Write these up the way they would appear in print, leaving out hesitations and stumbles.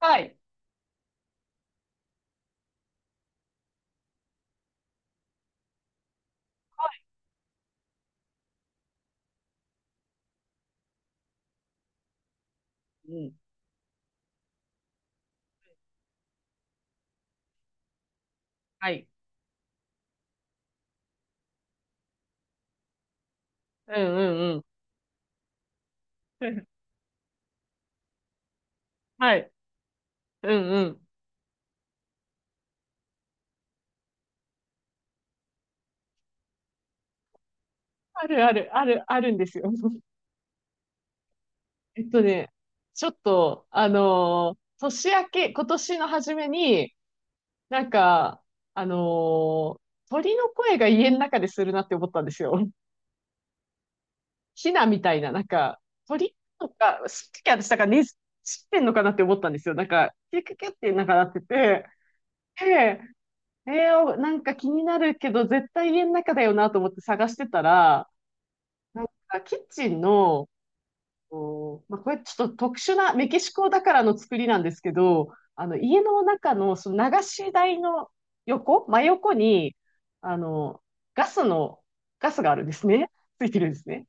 はい。うん。はい。うんうんうん。はい。うんうん。あるある、ある、あるんですよ。えっとね、ちょっと、年明け、今年の初めに、なんか、あのー鳥の声が家の中でするなって思ったんですよ。ヒナみたいな、なんか、鳥とか、すっき私、だから、ね、知ってんのかなって思ったんですよ。なんか、キュキュキュってなんかなってて、で、なんか気になるけど、絶対家の中だよなと思って探してたら、なんかキッチンの、こうまあ、これちょっと特殊なメキシコだからの作りなんですけど、あの家の中のその流し台の横、真横にあのガスの、ガスがあるんですね。ついてるんですね。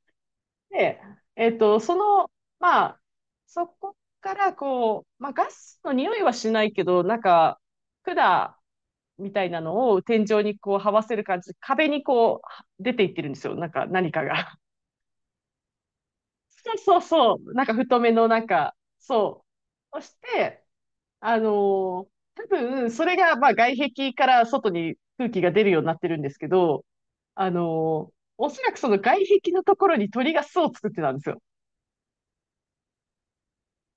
で、その、まあ、そこからこう、まあ、ガスの匂いはしないけど、なんか管みたいなのを天井にこう這わせる感じで、壁にこう出ていってるんですよ。なんか何かが。そうそうそう。なんか太めのなんか、そう。そして、あのー多分、それが、まあ、外壁から外に空気が出るようになってるんですけど、あのーおそらくその外壁のところに鳥が巣を作ってたんですよ。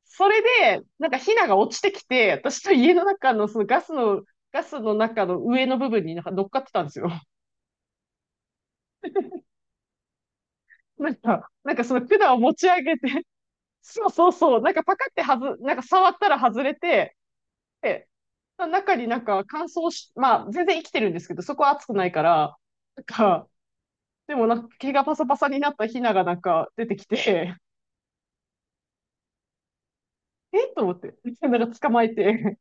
それで、なんかヒナが落ちてきて、私と家の中のそのガスの、ガスの中の上の部分になんか乗っかってたんですよ。なんか、なんかその管を持ち上げて、そうそうそう、なんかパカってはず、なんか触ったら外れて、中になんか乾燥し、まあ全然生きてるんですけど、そこは暑くないから、なんか、でもなんか毛がパサパサになったヒナがなんか出てきて、えっと思って、なんか捕まえて、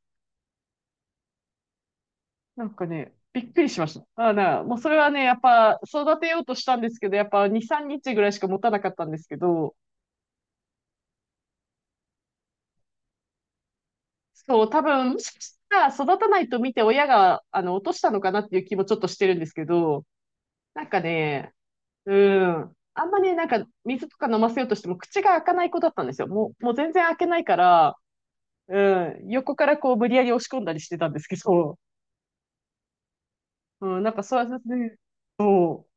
なんかね、びっくりしました。あーな、もうそれはね、やっぱ育てようとしたんですけど、やっぱ2、3日ぐらいしか持たなかったんですけど、そう、多分、もしかしたら育たないと見て親が、あの、落としたのかなっていう気もちょっとしてるんですけど、なんかね、うん。あんまりなんか水とか飲ませようとしても口が開かない子だったんですよ。もう、もう全然開けないから、うん。横からこう無理やり押し込んだりしてたんですけど、うん。なんかそうやってね、そ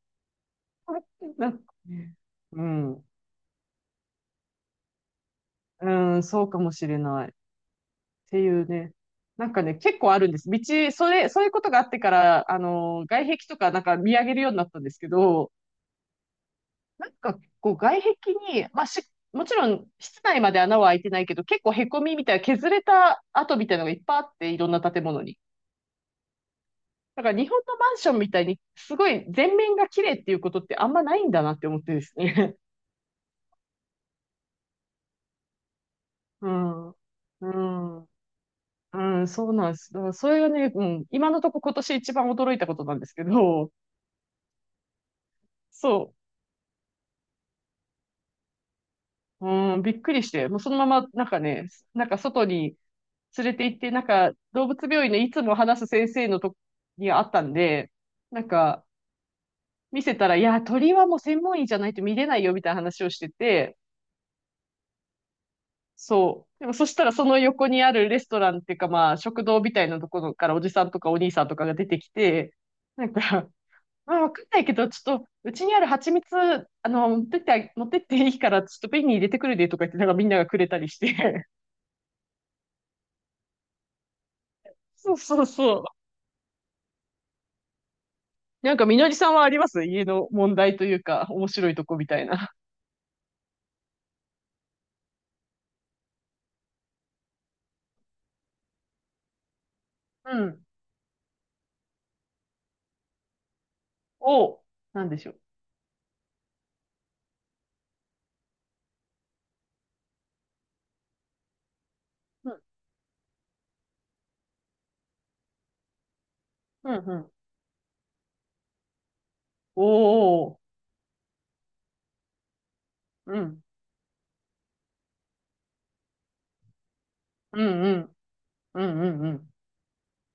う。なんかね、うん。うん、そうかもしれない。っていうね。なんかね、結構あるんです。道、それ、そういうことがあってから、あの、外壁とかなんか見上げるようになったんですけど、なんか、こう、外壁に、まあし、もちろん、室内まで穴は開いてないけど、結構凹みみたいな、削れた跡みたいなのがいっぱいあって、いろんな建物に。だから、日本のマンションみたいに、すごい全面が綺麗っていうことってあんまないんだなって思ってですね。うん。うん。うん、そうなんです。だからそれがね、うん、今のとこ今年一番驚いたことなんですけど、そう。うん、びっくりして、もうそのまま、なんかね、なんか外に連れて行って、なんか、動物病院のいつも話す先生のとこにあったんで、なんか、見せたら、いや、鳥はもう専門医じゃないと見れないよ、みたいな話をしてて、そう。でもそしたらその横にあるレストランっていうかまあ食堂みたいなところからおじさんとかお兄さんとかが出てきて、なんか、まあわかんないけど、ちょっとうちにある蜂蜜、あの、持ってって、持ってっていいからちょっと瓶に入れてくるでとか言って、なんかみんながくれたりして。そうそうそう。なんかみのりさんはあります家の問題というか、面白いとこみたいな。うん。おう。なんでしょう。うん。うんうん。おー。うん。うんうん。うんうんうん。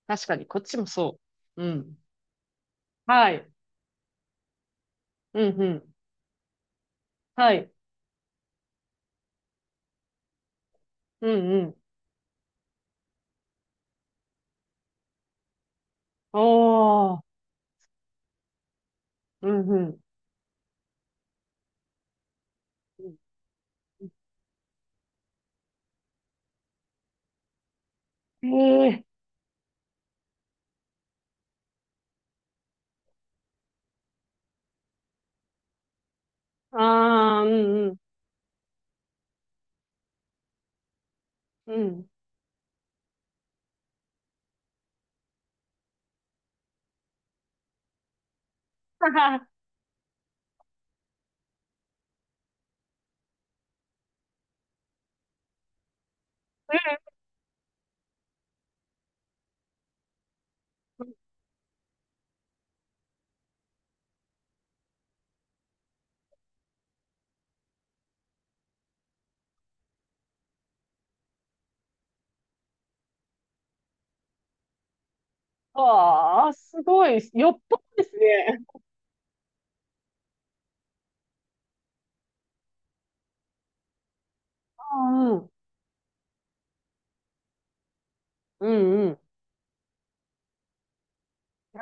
確かに、こっちもそう。うん。はい。うんうん。はい。うんうん。おー。うんうん。ええー。あー、うんうん。うん。はは。うんああ、すごい。よっぽどですね。うんうん。うんうん。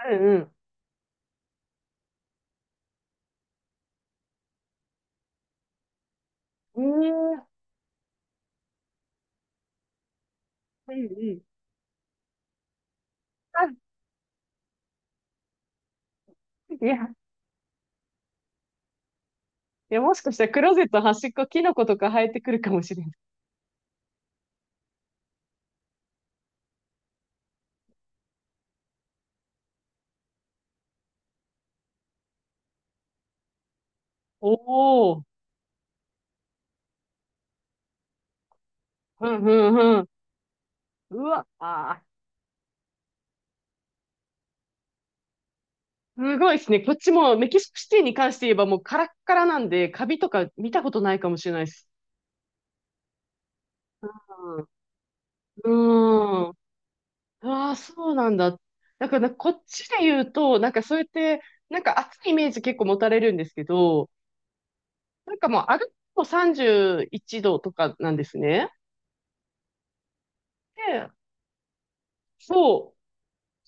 うんうん。うんうんうん。あ、いや、いや、もしかしたらクローゼット端っこ、キノコとか生えてくるかもしれない。おお、うんうんうん。うわ、あー、すごいですね。こっちもメキシコシティに関して言えばもうカラッカラなんで、カビとか見たことないかもしれないです。うん。うーん。ああ、そうなんだ。だから、こっちで言うと、なんかそうやって、なんか暑いイメージ結構持たれるんですけど、なんかもう歩くと31度とかなんですね。で、そう。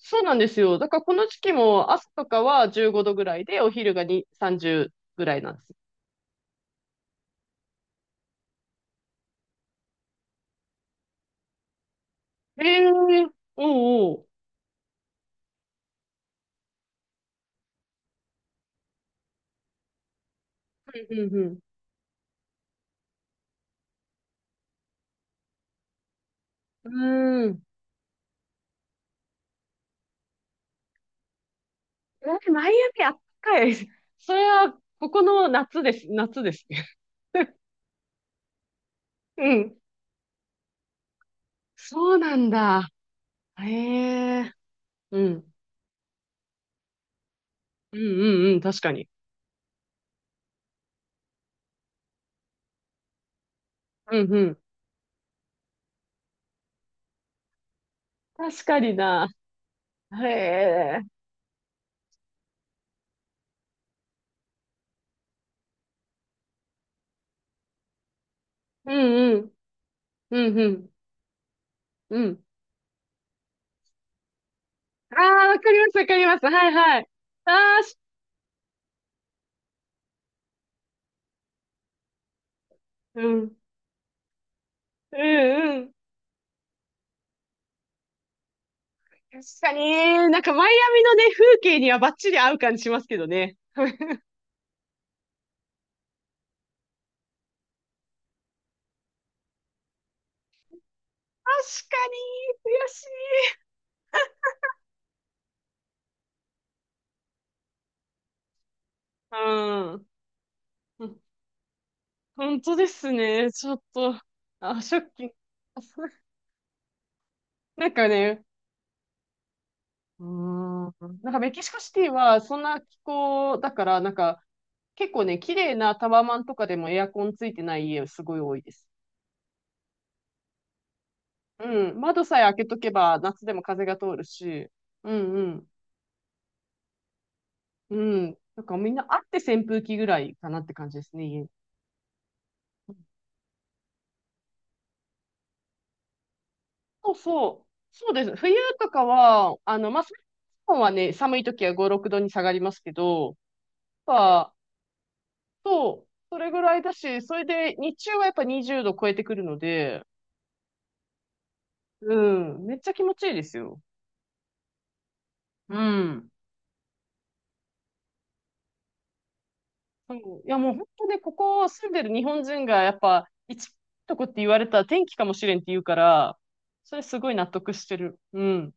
そうなんですよ。だからこの時期も朝とかは15度ぐらいで、お昼が2、30ぐらいなんですよ。ええー、おうおう。んうんうん。うーん。えマイアミあったかい。それは、ここの夏です。夏ですね。うん。そうなんだ。へえ。うん。うんうんうん。確かに。うんうん。確かにな。へえ。うんうん。うんうん。うん。ああ、わかりますわかります。はいはい。ああ、しうん。うんうん。確かにね、なんかマイアミのね、風景にはバッチリ合う感じしますけどね。確かに、悔しい。うん。本当ですね。ちょっと、あ、ショッキング。なんかね、うーん。なんかメキシコシティはそんな気候だから、なんか結構ね、綺麗なタワマンとかでもエアコンついてない家すごい多いです。うん。窓さえ開けとけば夏でも風が通るし。うんうん。うん。なんかみんなあって扇風機ぐらいかなって感じですね、家に。そうそう。そうです。冬とかは、あの、まあ、日本はね、寒い時は5、6度に下がりますけど、やっぱ、そう、それぐらいだし、それで日中はやっぱ20度超えてくるので、うん、めっちゃ気持ちいいですよ。うん。そういや、もう本当ね、ここ住んでる日本人がやっぱ、一番いいとこって言われたら天気かもしれんって言うから、それすごい納得してる。うん。